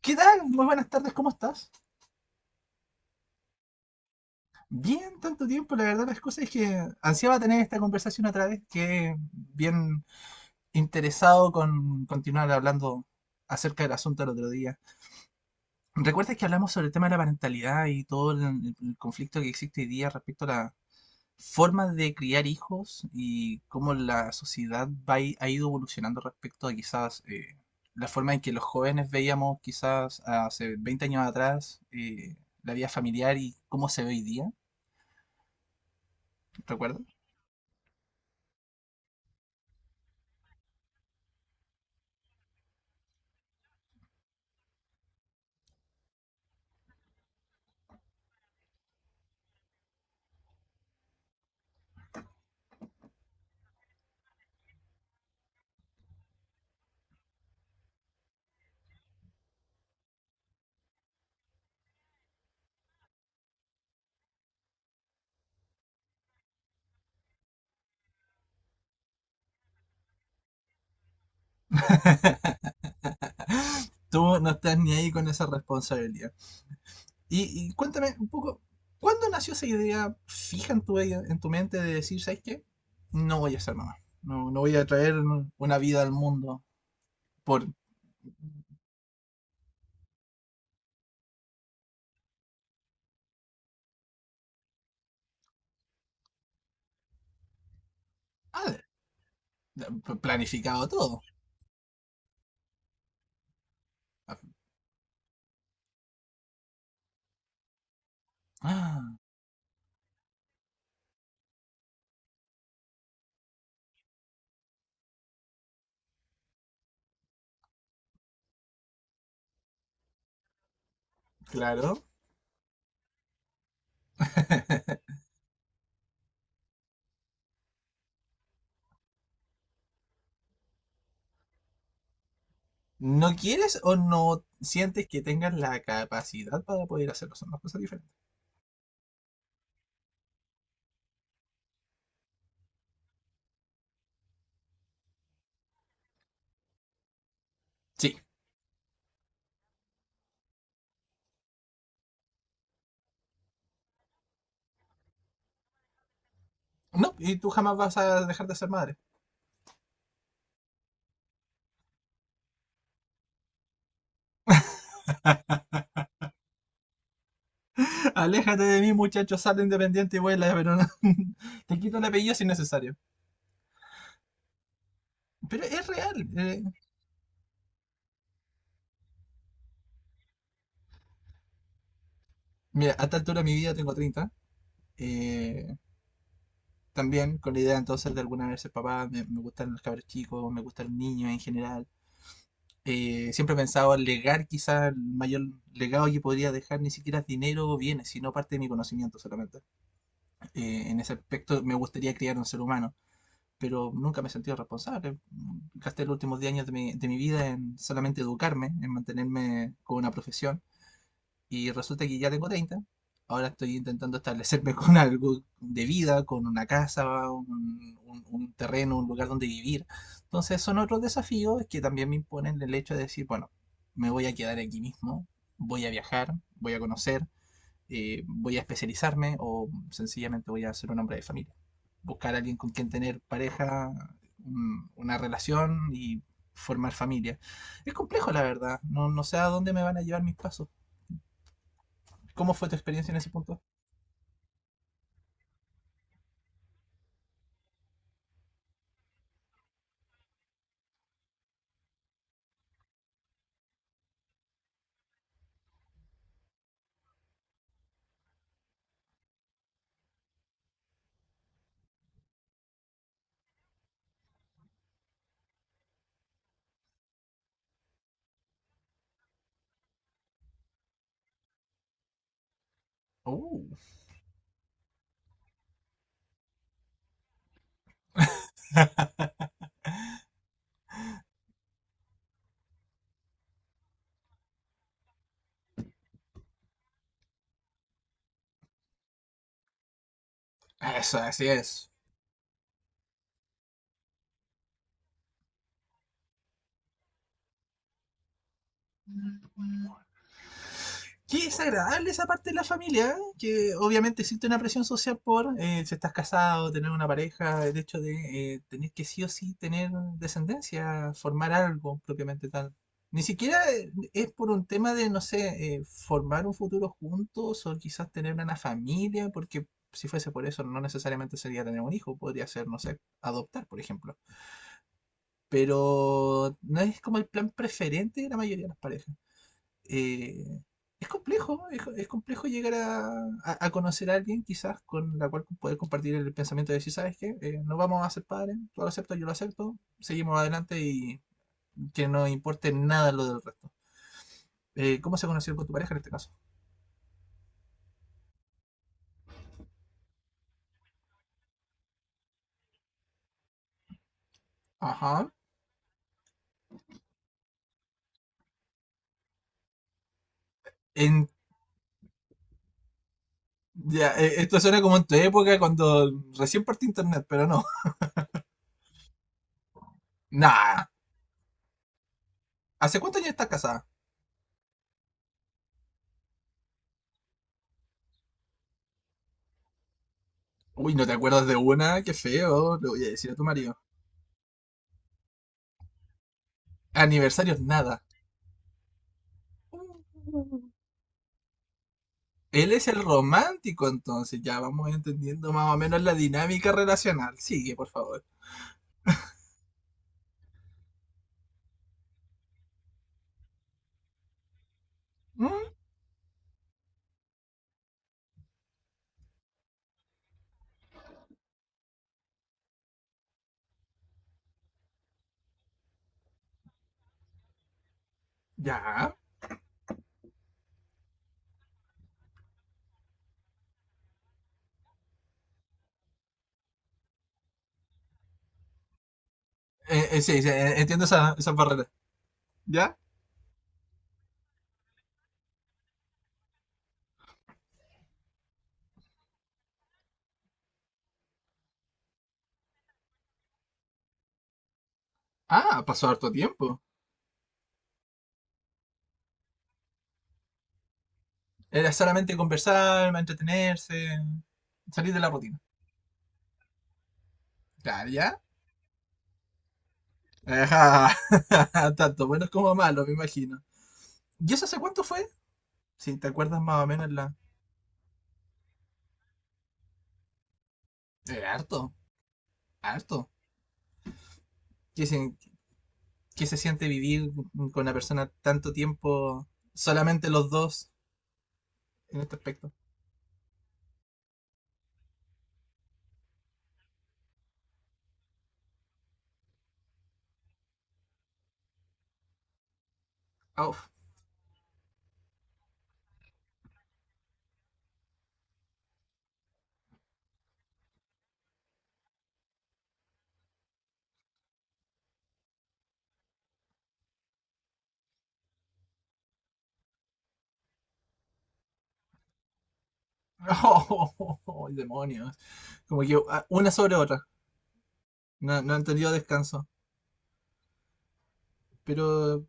¿Qué tal? Muy buenas tardes, ¿cómo estás? Bien, tanto tiempo. La verdad, las cosas es que ansiaba tener esta conversación otra vez, que bien interesado con continuar hablando acerca del asunto el otro día. ¿Recuerdas que hablamos sobre el tema de la parentalidad y todo el conflicto que existe hoy día respecto a la, formas de criar hijos y cómo la sociedad va, ha ido evolucionando respecto a quizás la forma en que los jóvenes veíamos quizás hace 20 años atrás, la vida familiar y cómo se ve hoy día, ¿recuerdas? Tú no estás ni ahí con esa responsabilidad. Y cuéntame un poco, ¿cuándo nació esa idea fija en en tu mente de decir, ¿sabes qué? No voy a ser mamá. No, no voy a traer una vida al mundo por... Ah, planificado todo. Ah, claro. ¿No quieres o no sientes que tengas la capacidad para poder hacerlo? Son dos cosas diferentes. Sí. No, y tú jamás vas a dejar de ser madre. Aléjate de mí, muchacho, sal independiente y vuela, pero no. Te quito el apellido si es necesario. Pero es real. Mira, a esta altura de mi vida tengo 30. eh, También con la idea entonces de alguna vez ser papá, me gustan los cabros chicos, me gusta el niño en general. Siempre he pensado en legar, quizás el mayor legado que podría dejar ni siquiera es dinero o bienes, sino parte de mi conocimiento solamente. En ese aspecto me gustaría criar un ser humano, pero nunca me he sentido responsable. Gasté los últimos 10 años de de mi vida en solamente educarme, en mantenerme con una profesión y resulta que ya tengo 30. Ahora estoy intentando establecerme con algo de vida, con una casa, un terreno, un lugar donde vivir. Entonces son otros desafíos que también me imponen el hecho de decir, bueno, me voy a quedar aquí mismo, voy a viajar, voy a conocer, voy a especializarme o sencillamente voy a ser un hombre de familia. Buscar a alguien con quien tener pareja, una relación y formar familia. Es complejo, la verdad. No, no sé a dónde me van a llevar mis pasos. ¿Cómo fue tu experiencia en ese punto? Uh, eso, así es. Qué desagradable esa parte de la familia, ¿eh? Que obviamente existe una presión social por, si estás casado, tener una pareja, el hecho de, tener que sí o sí tener descendencia, formar algo propiamente tal. Ni siquiera, es por un tema de, no sé, formar un futuro juntos o quizás tener una familia, porque si fuese por eso no necesariamente sería tener un hijo, podría ser, no sé, adoptar, por ejemplo. Pero no es como el plan preferente de la mayoría de las parejas. Eh, es complejo, es complejo llegar a, a conocer a alguien quizás con la cual poder compartir el pensamiento de decir, ¿sabes qué? No vamos a ser padres, tú lo aceptas, yo lo acepto, seguimos adelante y que no importe nada lo del resto. ¿Cómo se conoció con tu pareja en este caso? Ajá. En, ya, esto suena como en tu época cuando recién partí internet, pero no. Nah. ¿Hace cuántos años estás casada? Uy, ¿no te acuerdas de una? Qué feo, le voy a decir a tu marido. Aniversarios, nada. Él es el romántico, entonces ya vamos entendiendo más o menos la dinámica relacional. Sigue, por favor. Mm. Ya. Sí, sí, entiendo esas barreras. ¿Ya? Ah, pasó harto tiempo. Era solamente conversar, entretenerse, salir de la rutina. Claro, ¿ya? Ajá. Tanto buenos como malos, me imagino. ¿Y eso hace cuánto fue? Si te acuerdas más o menos la... harto, harto. Que se- Qué se siente vivir con una persona tanto tiempo, solamente los dos, en este aspecto. Au. ¡Oh, oh, oh, oh, demonios! Como que ah, una sobre otra. No, no han tenido descanso. Pero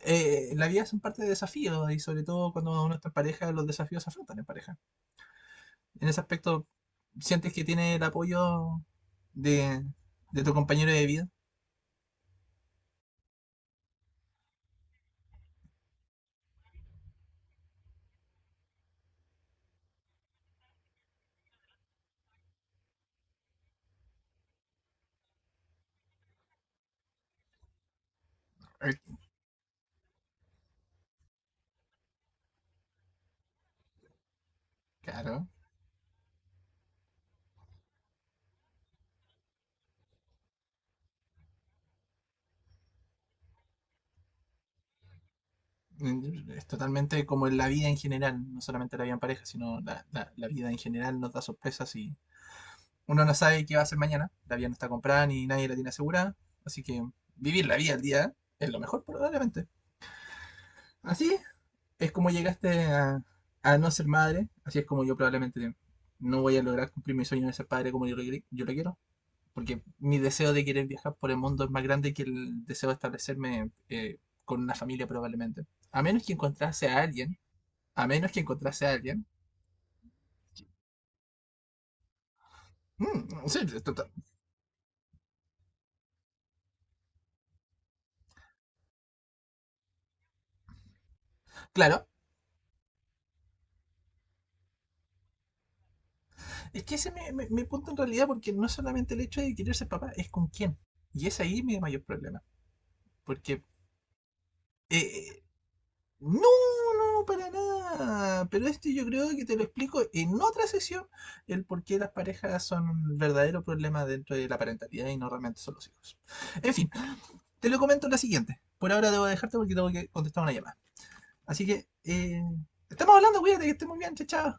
la vida es un parte de desafíos y sobre todo cuando uno está en pareja, los desafíos se afrontan en pareja. En ese aspecto, ¿sientes que tiene el apoyo de, de tu compañero de vida? Claro. Mm, es totalmente como en la vida en general, no solamente la vida en pareja, sino la vida en general nos da sorpresas y uno no sabe qué va a hacer mañana. La vida no está comprada ni nadie la tiene asegurada. Así que vivir la vida al día es lo mejor probablemente. Así es como llegaste a no ser madre. Así es como yo probablemente no voy a lograr cumplir mi sueño de ser padre como yo lo, yo lo quiero. Porque mi deseo de querer viajar por el mundo es más grande que el deseo de establecerme, con una familia probablemente. A menos que encontrase a alguien, a menos que encontrase a alguien. Mm, sí, claro. Es que ese es mi, mi punto en realidad, porque no es solamente el hecho de querer ser papá, es con quién. Y es ahí mi mayor problema. Porque. eh, no, no, para nada. Pero esto yo creo que te lo explico en otra sesión, el por qué las parejas son un verdadero problema dentro de la parentalidad y no realmente son los hijos. En fin, te lo comento en la siguiente. Por ahora debo dejarte porque tengo que contestar una llamada. Así que, estamos hablando, cuídate, que estés muy bien, chao, chao.